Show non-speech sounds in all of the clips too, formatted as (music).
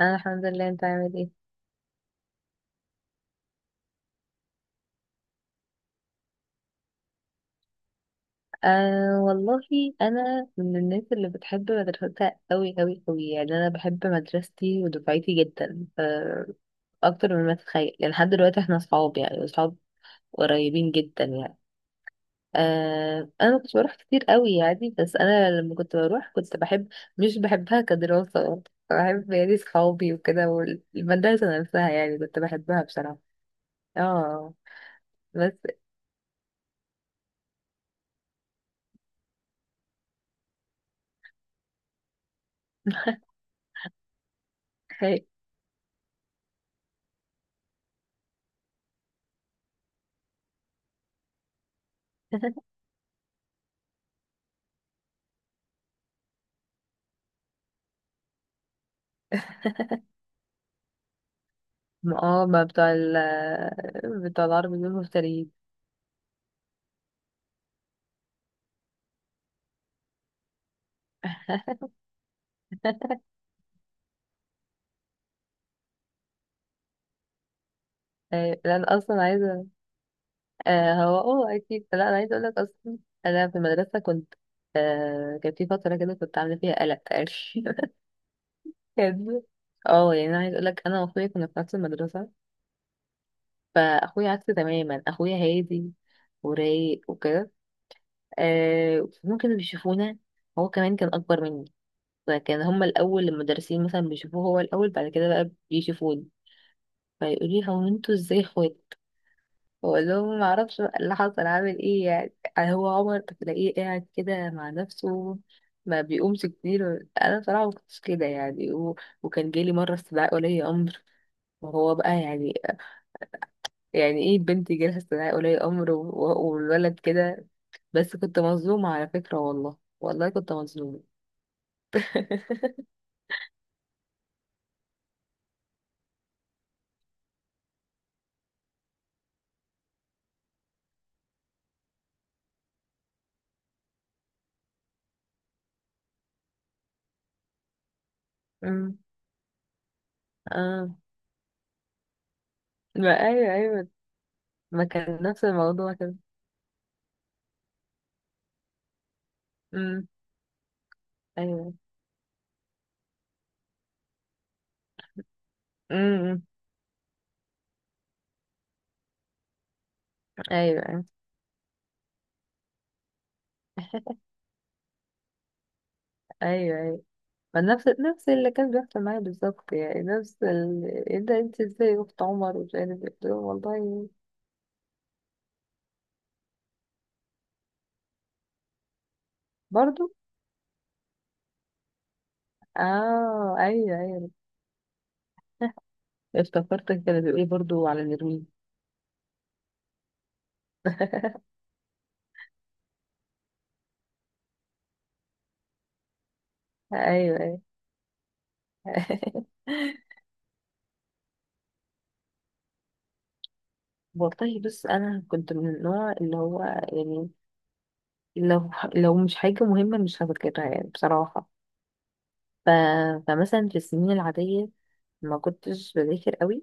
انا الحمد لله. انت عامل ايه؟ آه والله، انا من الناس اللي بتحب مدرستها قوي قوي قوي، يعني انا بحب مدرستي ودفعتي جدا. آه، اكتر من ما تتخيل، يعني لحد دلوقتي احنا اصحاب، يعني اصحاب قريبين جدا يعني. آه، انا ما كنتش بروح كتير قوي يعني، بس انا لما كنت بروح كنت بحب. مش بحبها كدراسة برضه. بحب يعني صحابي وكده والمدرسة نفسها، يعني كنت بحبها بصراحة. اه بس هي (laughs) ما بتوع ال (laughs) بتوع العربي دول مفتريين. (laughs) آه، لا انا اصلا عايزه. آه، هو اه اكيد، لا انا عايزه اقول لك اصلا. انا في المدرسه كنت، آه، كان في فتره كده كنت عامله فيها قلق تقريبا. (laughs) كان- اه يعني انا عايزه اقول لك، انا واخويا كنا في نفس المدرسه. فاخويا عكسي تماما، اخويا هادي ورايق وكده. آه، ممكن بيشوفونا. هو كمان كان اكبر مني، فكان هما الاول المدرسين مثلا بيشوفوه هو الاول، بعد كده بقى بيشوفوني، فيقولي هو انتوا ازاي اخوات. بقول لهم ما اعرفش بقى اللي حصل عامل ايه، يعني يعني هو عمر بتلاقيه قاعد كده مع نفسه، ما بيقومش كتير. انا بصراحه ما كنتش كده يعني، و... وكان جالي مره استدعاء ولي امر، وهو بقى يعني، يعني ايه بنت جالها استدعاء ولي امر و... والولد كده. بس كنت مظلومه على فكره، والله والله كنت مظلومه. (laughs) امم اه. ما ايوه ايوه، ما كان نفس الموضوع كده. امم ايوه امم ايوه ايوه ايوه، ما نفس اللي كان بيحصل معايا بالظبط، يعني نفس ال... ايه ده انت ازاي اخت عمر ومش عارف ايه؟ قلت له والله. برضو اه ايوه ايوه. افتكرتك كانت بتقولي برضو على نرويج. (laughs) ايوه ايوه. (laughs) والله بس انا كنت من النوع اللي هو يعني لو مش حاجه مهمه مش هذاكرها، يعني بصراحه. ف... فمثلا في السنين العاديه ما كنتش بذاكر قوي،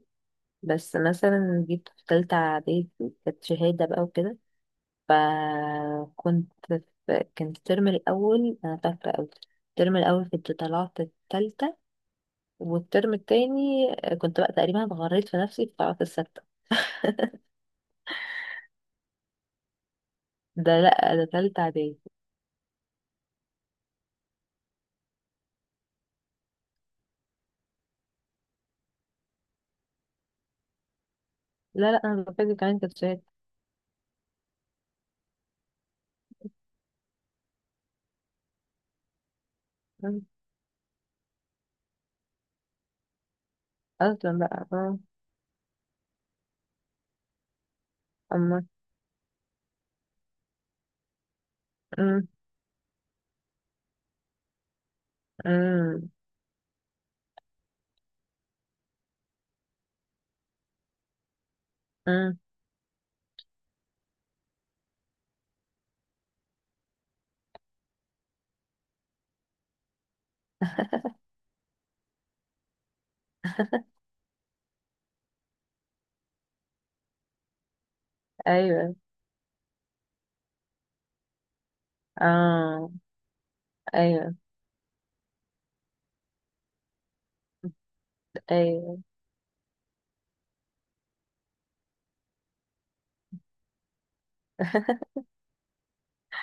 بس مثلا جيت في تالتة إعدادي، كانت شهادة بقى وكده، فكنت، في كان الترم الأول أنا فاكرة أوي، الترم الأول كنت طلعت التالتة، والترم التاني كنت بقى تقريبا اتغريت في نفسي فطلعت السادسة. ده لأ، ده تالتة إعدادي. لا لأ، أنا فاكرة كمان كانت شهادة. أمم، أصلا بقى، آه، أما، أمم، أمم، أمم. (laughs) أيوه آه أيوه أيوه.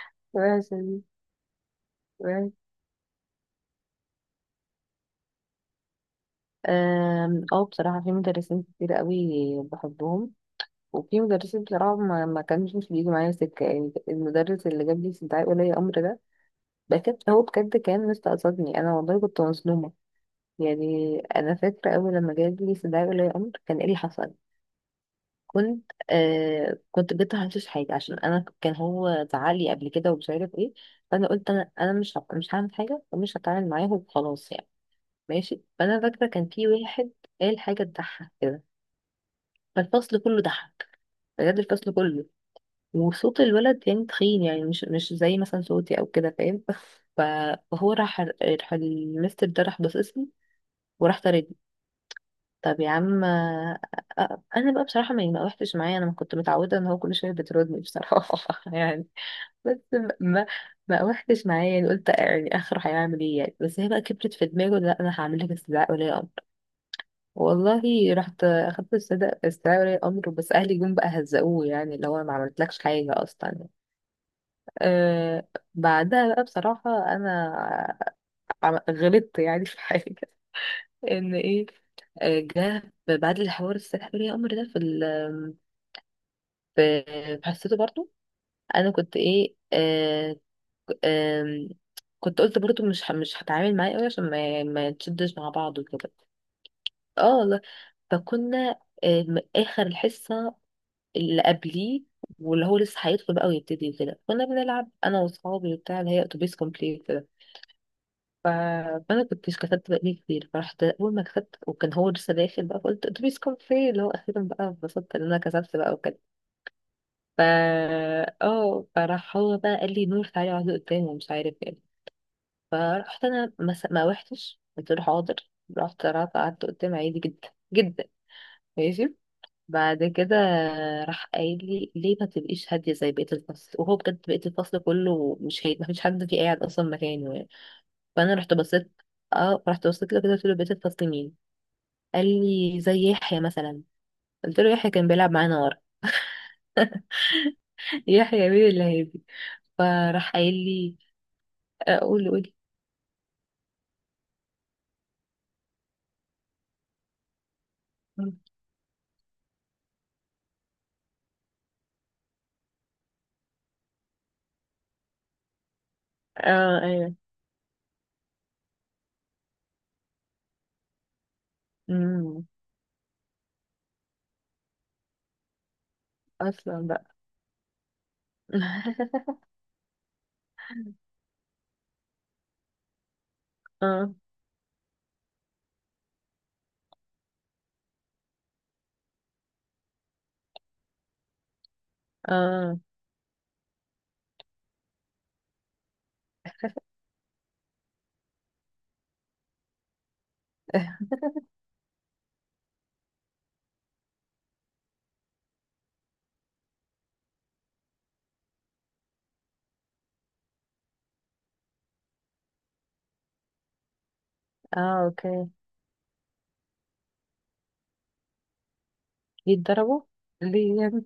(laughs) وحشة دي. وحشة. آم، اه بصراحة في مدرسين كتير قوي بحبهم، وفي مدرسين بصراحة ما كانش بيجي معايا سكة، يعني المدرس اللي جاب لي استدعاء ولي أمر ده بجد، هو بجد كان مستقصدني أنا، والله كنت مظلومة. يعني أنا فاكرة أول لما جاب لي استدعاء ولي أمر كان إيه اللي حصل، كنت آه كنت جبت هنشوش حاجة، عشان أنا كان هو زعلي قبل كده ومش عارف إيه، فأنا قلت أنا أنا مش هعمل حاجة ومش هتعامل معاه وخلاص يعني. ماشي، فأنا فاكرة كان في واحد قال حاجة تضحك كده، فالفصل كله ضحك، بجد الفصل كله. وصوت الولد يعني تخين، يعني مش زي مثلا صوتي او كده فاهم. (laughs) ف- فهو راح المستر ده راح باصصني وراح طاردني. طب يا عم. آه، آه، انا بقى بصراحه ما وحتش معايا، انا ما كنت متعوده ان هو كل شويه بيطردني بصراحه. (laughs) يعني بس ما وحتش معايا يعني، قلت يعني اخره هيعمل ايه يعني، بس هي بقى كبرت في دماغه، لا انا هعمل لك استدعاء ولي امر والله. رحت اخدت استدعاء ولي امر، بس اهلي جم بقى هزقوه يعني، اللي هو ما عملتلكش حاجه اصلا. آه، بعدها بقى بصراحة، أنا غلطت يعني في حاجة. (laughs) إن إيه، آه، جه بعد الحوار السحر يا قمر ده في ال حسيته برضو. أنا كنت إيه آه آه كنت قلت برضو مش هتعامل معاه أوي عشان ما تشدش مع بعض وكده. اه لا. فكنا آه، آخر الحصة اللي قبليه، واللي هو لسه هيدخل بقى ويبتدي وكده، كنا بنلعب أنا وأصحابي وبتاع، اللي هي أتوبيس كومبليت. ف... فانا كنت كتبت بقالي كتير، فرحت اول ما كتبت، وكان هو لسه داخل بقى، فقلت اتوبيس، كان فين اللي هو اخيرا بقى، اتبسطت ان انا كسبت بقى وكده. ف اه فراح هو بقى قال لي نور تعالي اقعدي قدامي ومش عارف ايه. فرحت انا ما روحتش، قلت له حاضر. رحت قعدت قدامي عادي جدا جدا، ماشي. بعد كده راح قايل لي ليه ما تبقيش هاديه زي بقيه الفصل؟ وهو بجد بقيه الفصل كله مش هادي، ما فيش حد فيه قاعد اصلا مكانه. فانا رحت بصيت. اه رحت بصيت له كده قلت له بقيت الفصل مين؟ قال لي زي يحيى مثلا. قلت له يحيى كان بيلعب معانا ورا. (laughs) يحيى مين اللي هيجي؟ فراح قايل لي اقول قولي. قولي. اه ايوه امم. اصلا بقى. (laughs) اه اه اه اوكي. يتضربوا ليه يعني؟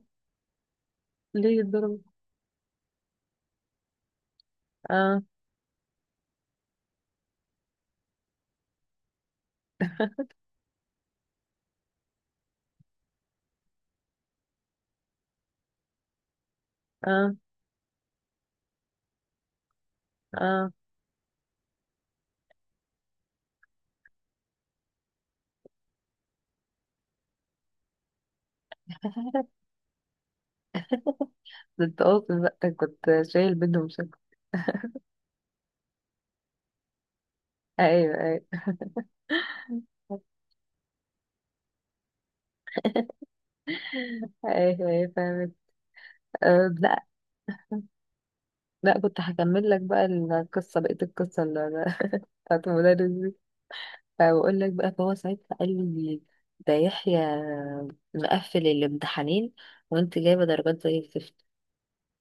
ليه يتضربوا؟ اه اه اه. ده انت قاصد بقى، كنت شايل بينهم شكل. ايوه ايوه. (laughs) ايوه ايوه فاهمك. آه لا. لا كنت هكمل لك بقى القصة، بقية القصة (laughs) بتاعت المدرس دي. فبقول لك بقى، فهو ساعتها قال لي ده يحيى مقفل الامتحانين وانت جايبة درجات زي الزفت.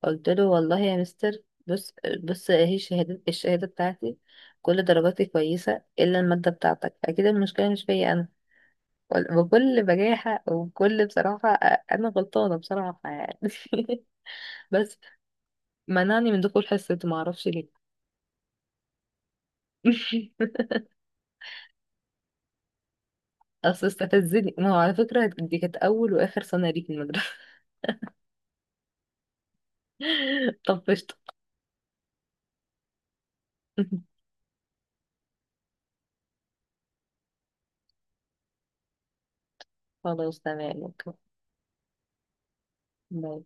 قلت له والله يا مستر، بص بص، اهي الشهادة الشهادة بتاعتي، كل درجاتي كويسة إلا المادة بتاعتك، أكيد المشكلة مش فيا أنا، بكل بجاحة وكل بصراحة. أنا غلطانة بصراحة يعني. (laughs) بس منعني من دخول حصة معرفش ليه. (laughs) اصل استفزني، ما هو على فكرة دي كانت اول واخر سنة ليك في المدرسة. (laughs) طب قشطة. (laughs) خلاص تمام اوكي. باي.